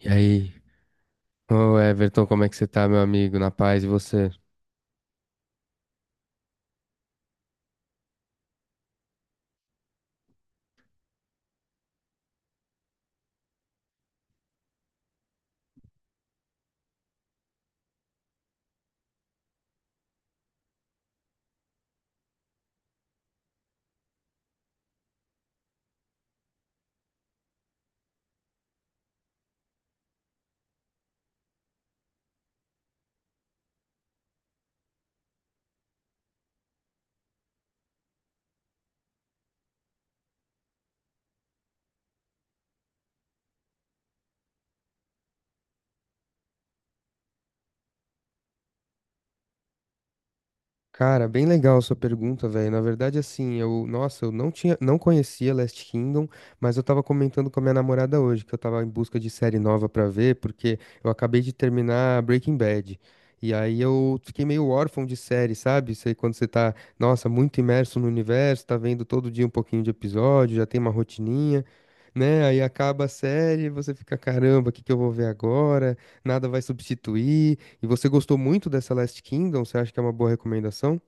E aí, ô Everton, como é que você tá, meu amigo? Na paz e você? Cara, bem legal a sua pergunta, velho. Na verdade, assim, eu, nossa, eu não tinha, não conhecia Last Kingdom, mas eu tava comentando com a minha namorada hoje que eu tava em busca de série nova pra ver, porque eu acabei de terminar Breaking Bad. E aí eu fiquei meio órfão de série, sabe? Sei quando você tá, nossa, muito imerso no universo, tá vendo todo dia um pouquinho de episódio, já tem uma rotininha, né? Aí acaba a série, você fica, caramba, o que que eu vou ver agora? Nada vai substituir. E você gostou muito dessa Last Kingdom? Você acha que é uma boa recomendação?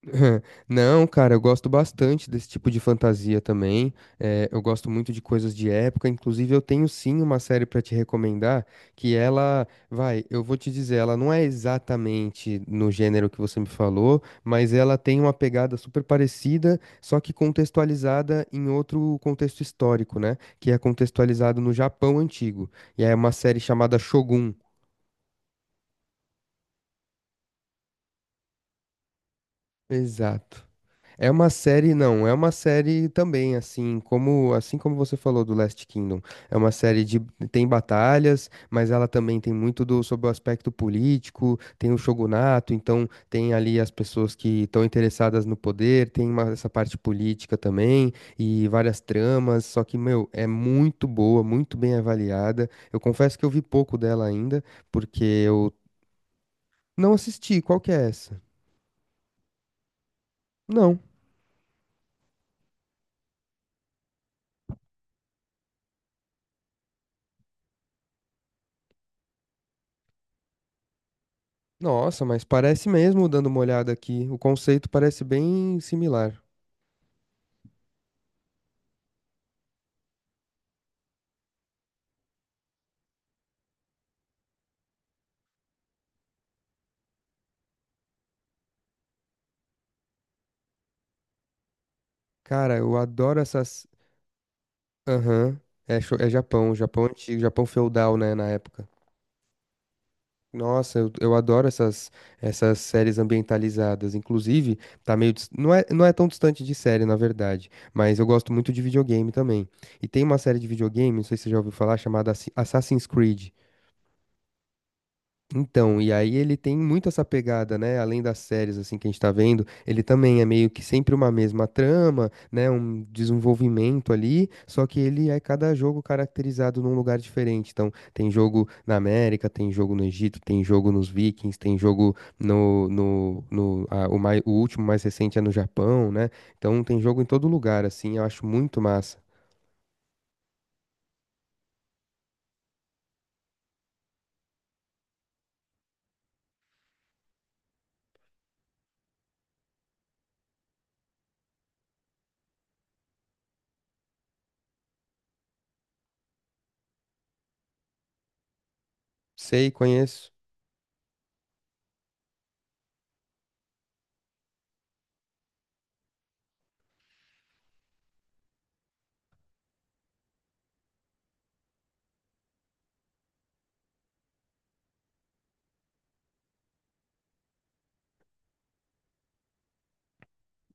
Não, cara, eu gosto bastante desse tipo de fantasia também. Eu gosto muito de coisas de época. Inclusive, eu tenho sim uma série pra te recomendar que ela, vai, eu vou te dizer, ela não é exatamente no gênero que você me falou, mas ela tem uma pegada super parecida, só que contextualizada em outro contexto histórico, né? Que é contextualizado no Japão antigo. E é uma série chamada Shogun. Exato. É uma série, não, é uma série também, assim como você falou do Last Kingdom. É uma série de tem batalhas, mas ela também tem muito do sobre o aspecto político, tem o shogunato, então tem ali as pessoas que estão interessadas no poder, tem uma- essa parte política também e várias tramas, só que, meu, é muito boa, muito bem avaliada. Eu confesso que eu vi pouco dela ainda, porque eu não assisti. Qual que é essa? Não. Nossa, mas parece mesmo, dando uma olhada aqui. O conceito parece bem similar. Cara, eu adoro essas. Aham. É, cho- é Japão, Japão antigo, Japão feudal, né, na época. Nossa, eu adoro essas, essas séries ambientalizadas. Inclusive, tá meio. Dis- Não é, não é tão distante de série, na verdade. Mas eu gosto muito de videogame também. E tem uma série de videogame, não sei se você já ouviu falar, chamada Assi- Assassin's Creed. Então, e aí ele tem muito essa pegada, né? Além das séries assim que a gente tá vendo, ele também é meio que sempre uma mesma trama, né? Um desenvolvimento ali, só que ele é cada jogo caracterizado num lugar diferente. Então, tem jogo na América, tem jogo no Egito, tem jogo nos Vikings, tem jogo no ah, o, mai, o último mais recente é no Japão, né? Então, tem jogo em todo lugar, assim. Eu acho muito massa. Sei, conheço.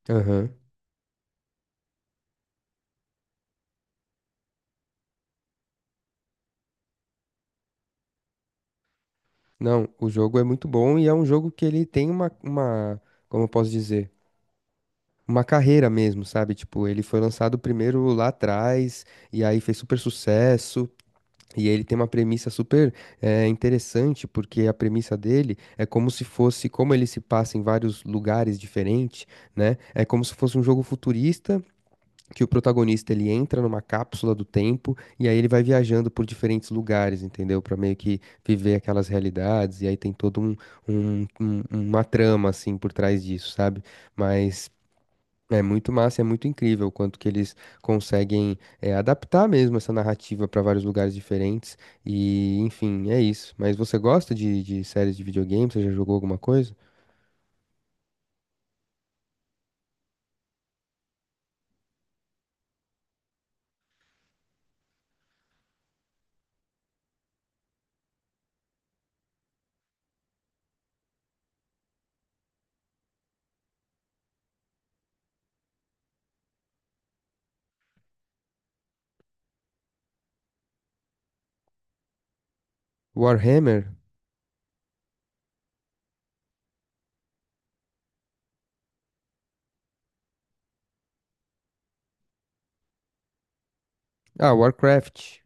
Aham. Não, o jogo é muito bom e é um jogo que ele tem como eu posso dizer, uma carreira mesmo, sabe? Tipo, ele foi lançado primeiro lá atrás e aí fez super sucesso. E ele tem uma premissa super interessante, porque a premissa dele é como se fosse, como ele se passa em vários lugares diferentes, né? É como se fosse um jogo futurista que o protagonista ele entra numa cápsula do tempo e aí ele vai viajando por diferentes lugares, entendeu? Pra meio que viver aquelas realidades e aí tem todo um, uma trama assim por trás disso, sabe? Mas é muito massa, é muito incrível o quanto que eles conseguem adaptar mesmo essa narrativa pra vários lugares diferentes e enfim, é isso. Mas você gosta de séries de videogame? Você já jogou alguma coisa? Warhammer? Ah, Warcraft.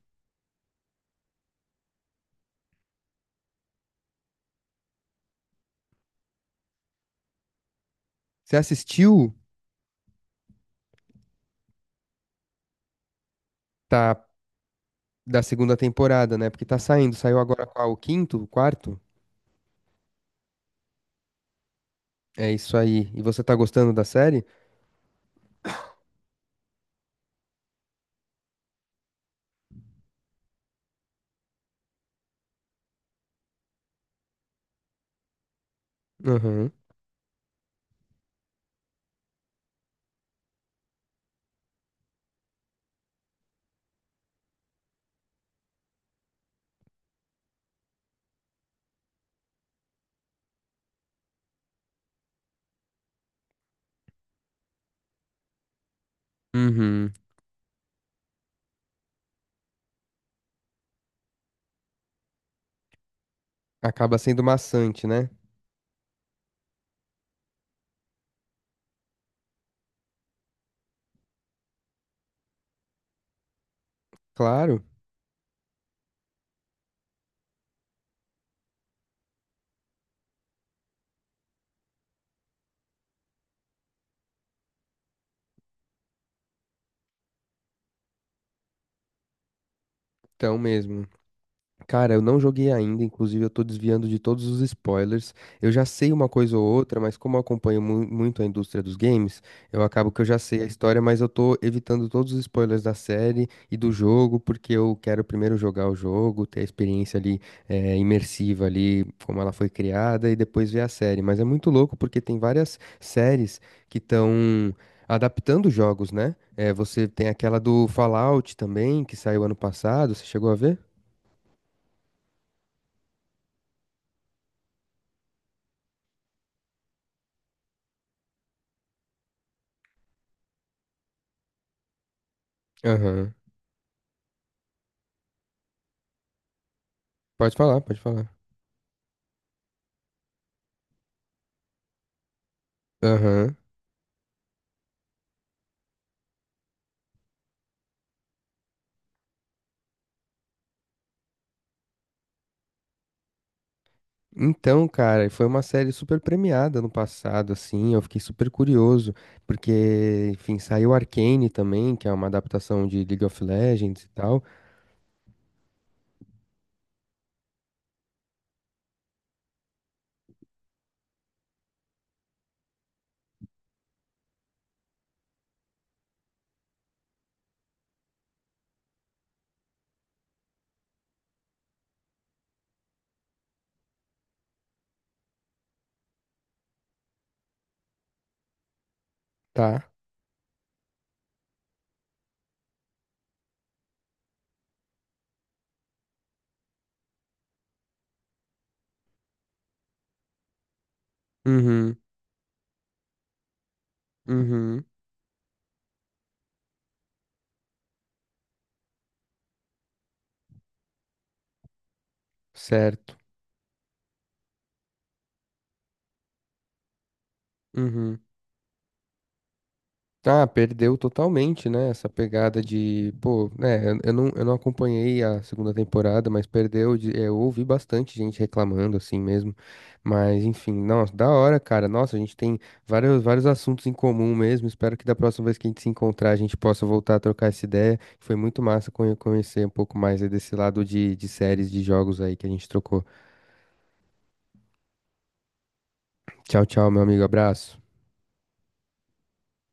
Você assistiu? Tá. Da segunda temporada, né? Porque tá saindo. Saiu agora qual? O quinto? O quarto? É isso aí. E você tá gostando da série? Uhum. Uhum. Acaba sendo maçante, né? Claro, então mesmo. Cara, eu não joguei ainda, inclusive eu tô desviando de todos os spoilers. Eu já sei uma coisa ou outra, mas como eu acompanho mu- muito a indústria dos games, eu acabo que eu já sei a história, mas eu tô evitando todos os spoilers da série e do jogo, porque eu quero primeiro jogar o jogo, ter a experiência ali imersiva ali, como ela foi criada, e depois ver a série. Mas é muito louco porque tem várias séries que estão adaptando jogos, né? Eh, você tem aquela do Fallout também, que saiu ano passado, você chegou a ver? Aham. Pode falar, pode falar. Aham. Então, cara, foi uma série super premiada no passado, assim, eu fiquei super curioso, porque, enfim, saiu Arcane também, que é uma adaptação de League of Legends e tal. Tá. Uhum, uhum, certo. Uhum. Ah, perdeu totalmente, né? Essa pegada de, pô, né? Eu não acompanhei a segunda temporada, mas perdeu. De- é, eu ouvi bastante gente reclamando, assim mesmo. Mas, enfim, nossa, da hora, cara. Nossa, a gente tem vários, vários assuntos em comum mesmo. Espero que da próxima vez que a gente se encontrar, a gente possa voltar a trocar essa ideia. Foi muito massa conhe- conhecer um pouco mais aí desse lado de séries, de jogos aí que a gente trocou. Tchau, tchau, meu amigo. Abraço.